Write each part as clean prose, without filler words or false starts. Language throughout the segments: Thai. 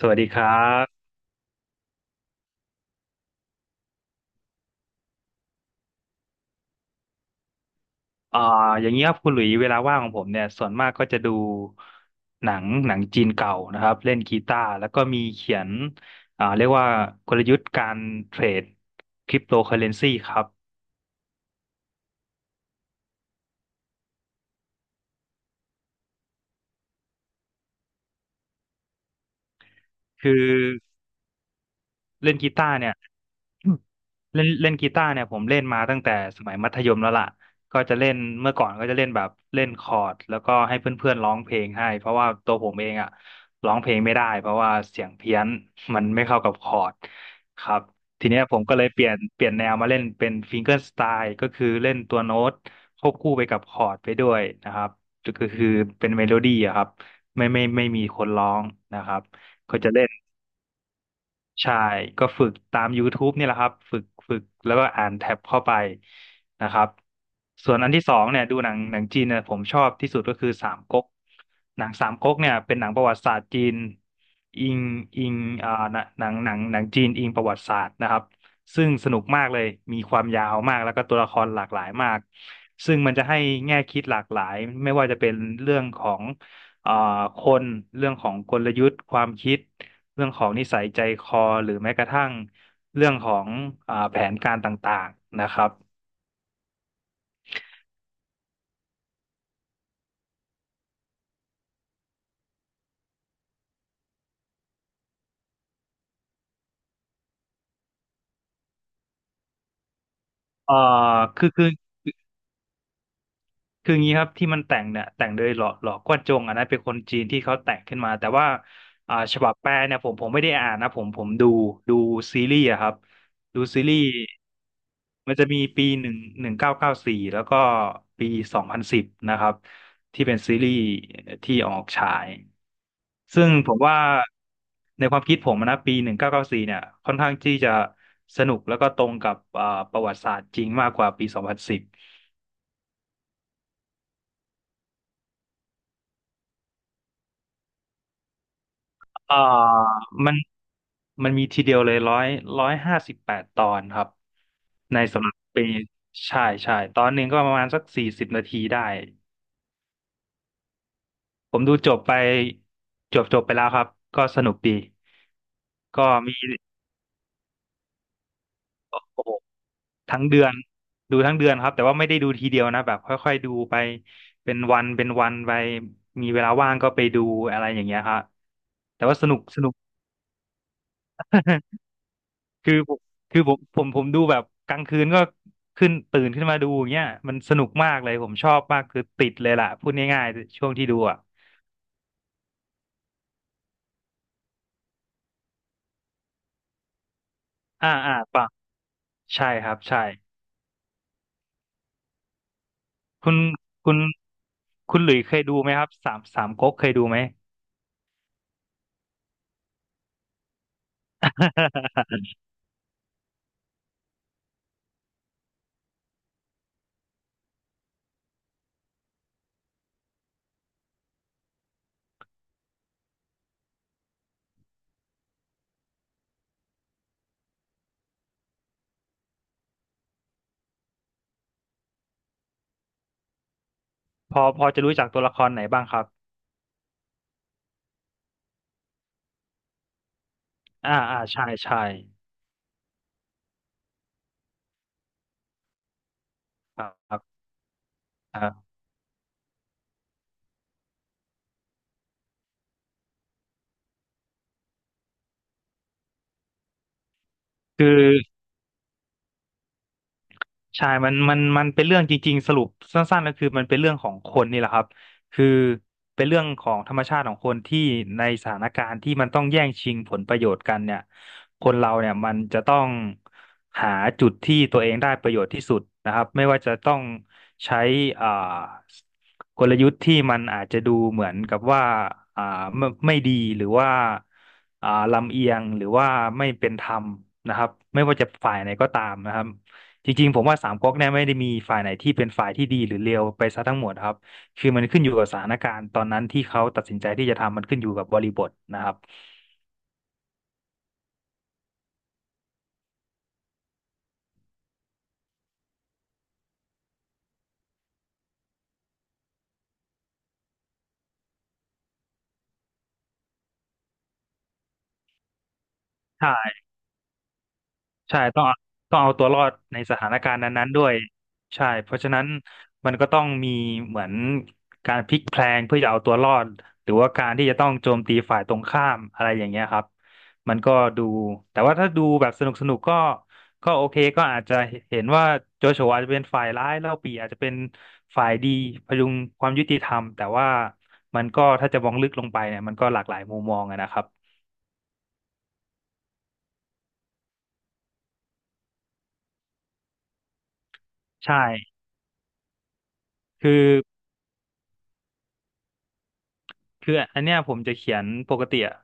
สวัสดีครับอ่าอย่างนี้ครับคุณหลุยเวลาว่างของผมเนี่ยส่วนมากก็จะดูหนังจีนเก่านะครับ เล่นกีตาร์แล้วก็มีเขียนเรียกว่ากลยุทธ์การเทรดคริปโตเคอเรนซีครับ คือเล่นกีตาร์เนี่ย เล่นเล่นกีตาร์เนี่ยผมเล่นมาตั้งแต่สมัยมัธยมแล้วล่ะก็จะเล่นเมื่อก่อนก็จะเล่นแบบเล่นคอร์ดแล้วก็ให้เพื่อนๆร้องเพลงให้เพราะว่าตัวผมเองอ่ะร้องเพลงไม่ได้เพราะว่าเสียงเพี้ยนมันไม่เข้ากับคอร์ดครับทีเนี้ยผมก็เลยเปลี่ยนแนวมาเล่นเป็นฟิงเก r ร์สไตล์ก็คือเล่นตัวโน้ตควบคู่ไปกับคอร์ดไปด้วยนะครับก็คือเป็นเมโลดี้อะครับไม่ไม่ไม่มีคนร้องนะครับก็จะเล่น ใช่ก็ฝึกตาม YouTube นี่แหละครับฝึกแล้วก็อ่านแท็บเข้าไปนะครับส่วนอันที่สองเนี่ยดูหนังจีนเนี่ยผมชอบที่สุดก็คือสามก๊กหนังสามก๊กเนี่ยเป็นหนังประวัติศาสตร์จีนอิงอิงหนังจีนอิงประวัติศาสตร์นะครับซึ่งสนุกมากเลยมีความยาวมากแล้วก็ตัวละครหลากหลายมากซึ่งมันจะให้แง่คิดหลากหลายไม่ว่าจะเป็นเรื่องของอ่าคนเรื่องของกลยุทธ์ความคิด เรื่องของนิสัยใจคอหรือแม้กระทั่งเรื่องของแผนการต่างๆนะครับเอ่อคือคือ คืองี้ครับที่มันแต่งเนี่ยแต่งโดยหล่อกวนจงอันนั้นเป็นคนจีนที่เขาแต่งขึ้นมาแต่ว่าฉบับแปลเนี่ยผมไม่ได้อ่านนะผมดูซีรีส์อะครับดูซีรีส์มันจะมีปีหนึ่งเก้าเก้าสี่แล้วก็ปีสองพันสิบนะครับที่เป็นซีรีส์ที่ออกฉายซึ่งผมว่าในความคิดผมนะปีหนึ่งเก้าเก้าสี่เนี่ยค่อนข้างที่จะสนุกแล้วก็ตรงกับประวัติศาสตร์จริงมากกว่าปีสองพันสิบ เอ่อมันมันมีทีเดียวเลยร้อยห้าสิบแปดตอนครับ ในสำหรับปีใช่ใช่ตอนหนึ่งก็ประมาณสัก40นาทีได้ผมดูจบไปจบไปแล้วครับก็สนุกดีก็มีโอ้โหทั้งเดือนดูทั้งเดือนครับแต่ว่าไม่ได้ดูทีเดียวนะแบบค่อยๆดูไปเป็นวันเป็นวันไปมีเวลาว่างก็ไปดูอะไรอย่างเงี้ยครับแต่ว่าสนุกสนุก คือผมคือผมดูแบบกลางคืนก็ขึ้นตื่นขึ้นมาดูอย่างเงี้ยมันสนุกมากเลยผมชอบมากคือติดเลยล่ะพูดง่ายๆช่วงที่ดูอ่ะปะใช่ครับใช่คุณคุณคุณหลุยเคยดูไหมครับสามก๊กเคยดูไหม พอจะรู้จักตัวละครไหนบ้างครับใช่ใช่ครับครับคือ ใช่มันเป็นเรื่องจริงๆสรุปสั้นๆก็คือมันเป็นเรื่องของคนนี่แหละครับคือเป็นเรื่องของธรรมชาติของคนที่ในสถานการณ์ที่มันต้องแย่งชิงผลประโยชน์กันเนี่ยคนเราเนี่ยมันจะต้องหาจุดที่ตัวเองได้ประโยชน์ที่สุดนะครับไม่ว่าจะต้องใช้อ่ากลยุทธ์ที่มันอาจจะดูเหมือนกับว่าอ่าไม่ไม่ดีหรือว่าลำเอียงหรือว่าไม่เป็นธรรมนะครับไม่ว่าจะฝ่ายไหนก็ตามนะครับ จริงๆ ผมว่าสามก๊กเนี่ยไม่ได้มีฝ่ายไหนที่เป็นฝ่ายที่ดีหรือเลวไปซะทั้งหมดครับ คือมันขึ้นอยู่กับสถานการณ์ตอนนั้นที่เขาตัดสินใจที่จะทำมันขึ้นอยู่กับบริบทนะครับใช่ ใช่ต้องเอาตัวรอดในสถานการณ์นั้นๆด้วยใช่เพราะฉะนั้นมันก็ต้องมีเหมือนการพลิกแพลงเพื่อจะเอาตัวรอดหรือว่าการที่จะต้องโจมตีฝ่ายตรงข้ามอะไรอย่างเงี้ยครับมันก็ดูแต่ว่าถ้าดูแบบสนุกสนุกก็โอเคก็อาจจะเห็นว่าโจโฉอาจจะเป็นฝ่ายร้ายเล่าปี่อาจจะเป็นฝ่ายดีพยุงความยุติธรรมแต่ว่ามันก็ถ้าจะมองลึกลงไปเนี่ยมันก็หลากหลายมุมมองอะนะครับใช่คือ คืออันเนี้ยผมจะเขียนปกติอ่ะ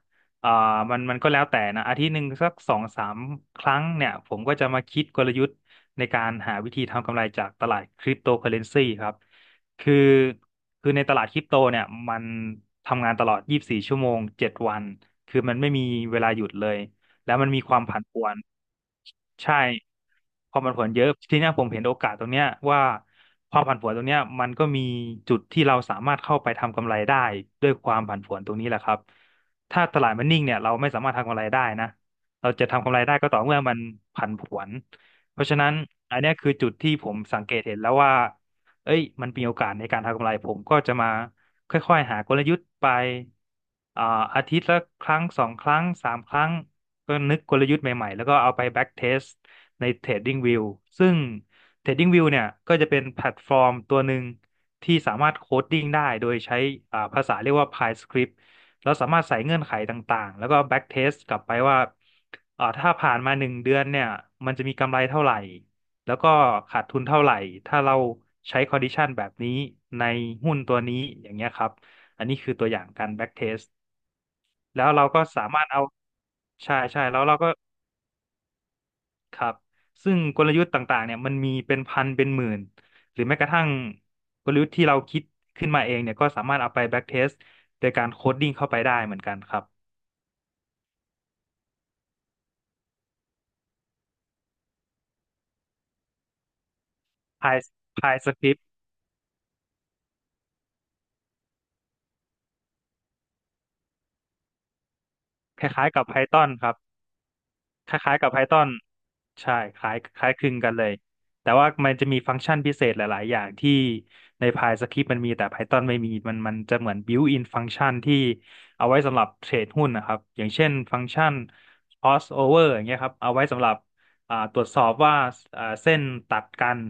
อ่ามันก็แล้วแต่นะอาทิตย์หนึ่งสักสองสามครั้งเนี่ยผมก็จะมาคิดกลยุทธ์ในการหาวิธีทำกำไรจากตลาดคริปโตเคอเรนซีครับคือคือในตลาดคริปโตเนี่ยมันทำงานตลอด24ชั่วโมง7วันคือมันไม่มีเวลาหยุดเลย แล้วมันมีความผันผวน ใช่ความผันผวนเยอะทีเนี้ยผมเห็นโอกาสตรงเนี้ยว่าความผันผวนตรงเนี้ยมันก็มีจุดที่เราสามารถเข้าไปทำกำไรได้ด้วยความผันผวนตรงนี้แหละครับ ถ้าตลาดมันนิ่งเนี่ยเราไม่สามารถทำกำไรได้นะ เราจะทำกำไรได้ก็ต่อเมื่อมันผันผวนเพราะฉะนั้นอันเนี้ยคือจุดที่ผมสังเกตเห็นแล้วว่าเอ้ยมันมีโอกาสในการทำกำไรผมก็จะมาค่อยๆหากลยุทธ์ไปอ่าอาทิตย์ละครั้งสองครั้งสามครั้ง ก็นึกกลยุทธ์ใหม่ๆแล้วก็เอาไป back test ใน Trading View ซึ่ง Trading View เนี่ยก็จะเป็นแพลตฟอร์มตัวหนึ่งที่สามารถโคดดิ้งได้โดยใช้ภาษาเรียกว่า PyScript แล้วสามารถใส่เงื่อนไขต่างๆแล้วก็ back test กลับไปว่าถ้าผ่านมาหนึ่งเดือนเนี่ยมันจะมีกำไรเท่าไหร่แล้วก็ขาดทุนเท่าไหร่ถ้าเราใช้ condition แบบนี้ในหุ้นตัวนี้อย่างเงี้ยครับอันนี้คือตัวอย่างการ back test แล้วเราก็สามารถเอาใช่ใช่แล้วเราก็ ครับซึ่งกลยุทธ์ต่างๆเนี่ยมันมีเป็นพันเป็นหมื่น หรือแม้กระทั่งกลยุทธ์ที่เราคิดขึ้นมาเองเนี่ยก็สามารถเอาไปแบ็กเทสโดยการโคดดิ้งเข้าไปได้เหมือนกันครับ Py Py Script คล้ายๆกับ Python ครับ คล้ายๆกับ Python ใช่คล้ายคลึงกันเลยแต่ว่ามันจะมีฟังก์ชันพิเศษหลายๆอย่างที่ใน PyScript มันมีแต่ Python ไม่มีมันจะเหมือน built-in ฟังก์ชันที่เอาไว้สำหรับเทรดหุ้นนะครับอย่างเช่นฟังก์ชัน crossover อย่างเงี้ยครับเอาไว้สำหรับตรวจสอบว่าเส้นตัดกัน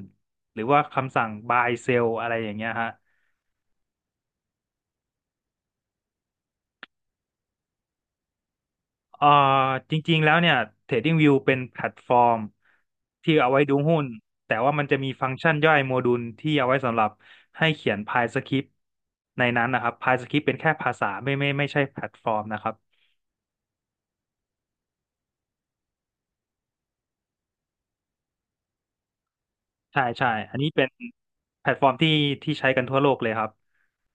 หรือว่าคำสั่ง buy sell อะไรอย่างเงี้ยฮะ เอ่อจริงๆแล้วเนี่ย TradingView เป็นแพลตฟอร์มที่เอาไว้ดูหุ้นแต่ว่ามันจะมีฟังก์ชันย่อยโมดูลที่เอาไว้สำหรับให้เขียนพายสคริปต์ในนั้นนะครับพายสคริปต์เป็นแค่ภาษาไม่ใช่แพลตฟอร์มนะครับใช่ใช่อันนี้เป็นแพลตฟอร์มที่ใช้กันทั่วโลกเลยครับ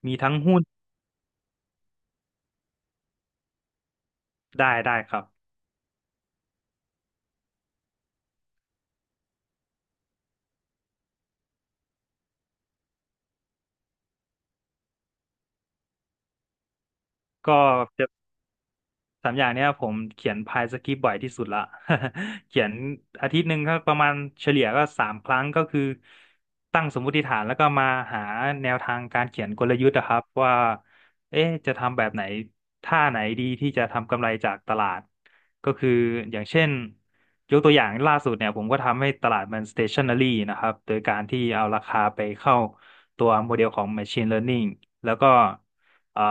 มีทั้งหุ้นได้ได้ครับก็ สามอย่างเนี้ยผมเขียนพายสคริปต์บ่อยที่สุดละ เขียนอาทิตย์หนึ่งก็ประมาณเฉลี่ยก็สามครั้งก็คือตั้งสมมุติฐานแล้วก็มาหาแนวทางการเขียนกลยุทธ์นะครับว่าเอ๊ะจะทำแบบไหนท่าไหนดีที่จะทำกำไรจากตลาดก็คืออย่างเช่นยกตัวอย่างล่าสุดเนี่ยผมก็ทำให้ตลาดมัน stationary นะครับโดยการที่เอาราคาไปเข้าตัวโมเดลของ machine learning แล้วก็อ่า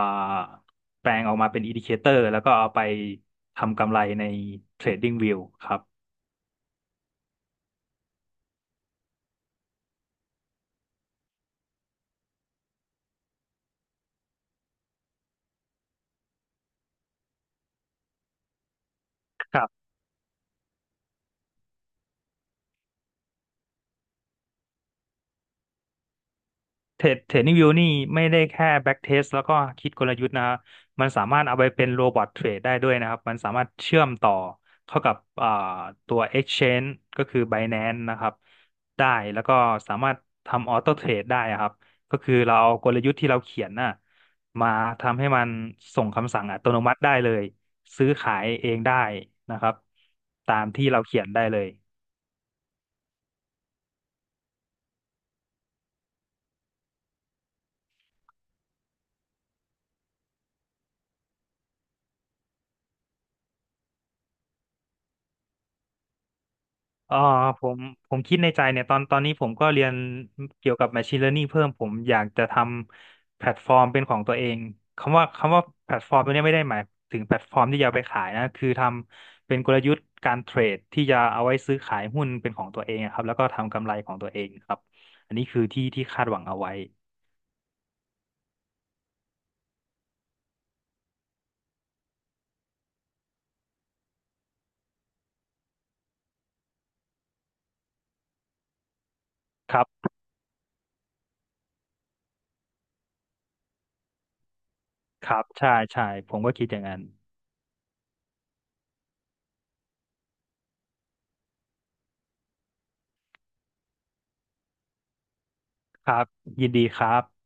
แปลงออกมาเป็น indicator แล้วก็เอาไปทำกำไรใน Trading View ครับ เทรดนิ่งวิวนี่ไม่ได้แค่แบ็กเทสแล้วก็คิดกลยุทธ์นะครับมันสามารถเอาไปเป็นโรบอทเทรดได้ด้วยนะครับมันสามารถเชื่อมต่อเข้ากับอ่าตัว Exchange ก็คือ Binance นะครับได้แล้วก็สามารถทำออโต้เทรดได้อะครับก็คือเราเอากลยุทธ์ที่เราเขียนน่ะมาทำให้มันส่งคำสั่งอัตโนมัติได้เลยซื้อขายเองได้นะครับตามที่เราเขียนได้เลย อ่าผมผมคิดในใจเนี่ยตอนนี้ผมก็เรียนเกี่ยวกับ Machine Learning เพิ่มผมอยากจะทำแพลตฟอร์มเป็นของตัวเองคำว่าแพลตฟอร์มตัวเนี้ยไม่ได้หมายถึงแพลตฟอร์มที่จะเอาไปขายนะคือทำเป็นกลยุทธ์การเทรดที่จะเอาไว้ซื้อขายหุ้นเป็นของตัวเองอะครับแล้วก็ทำกำไรของตัวเองครับอันนี้คือที่คาดหวังเอาไว้ครับครับใช่ใช่ผมก็คิดอย่างนั้นครับยินดีครับ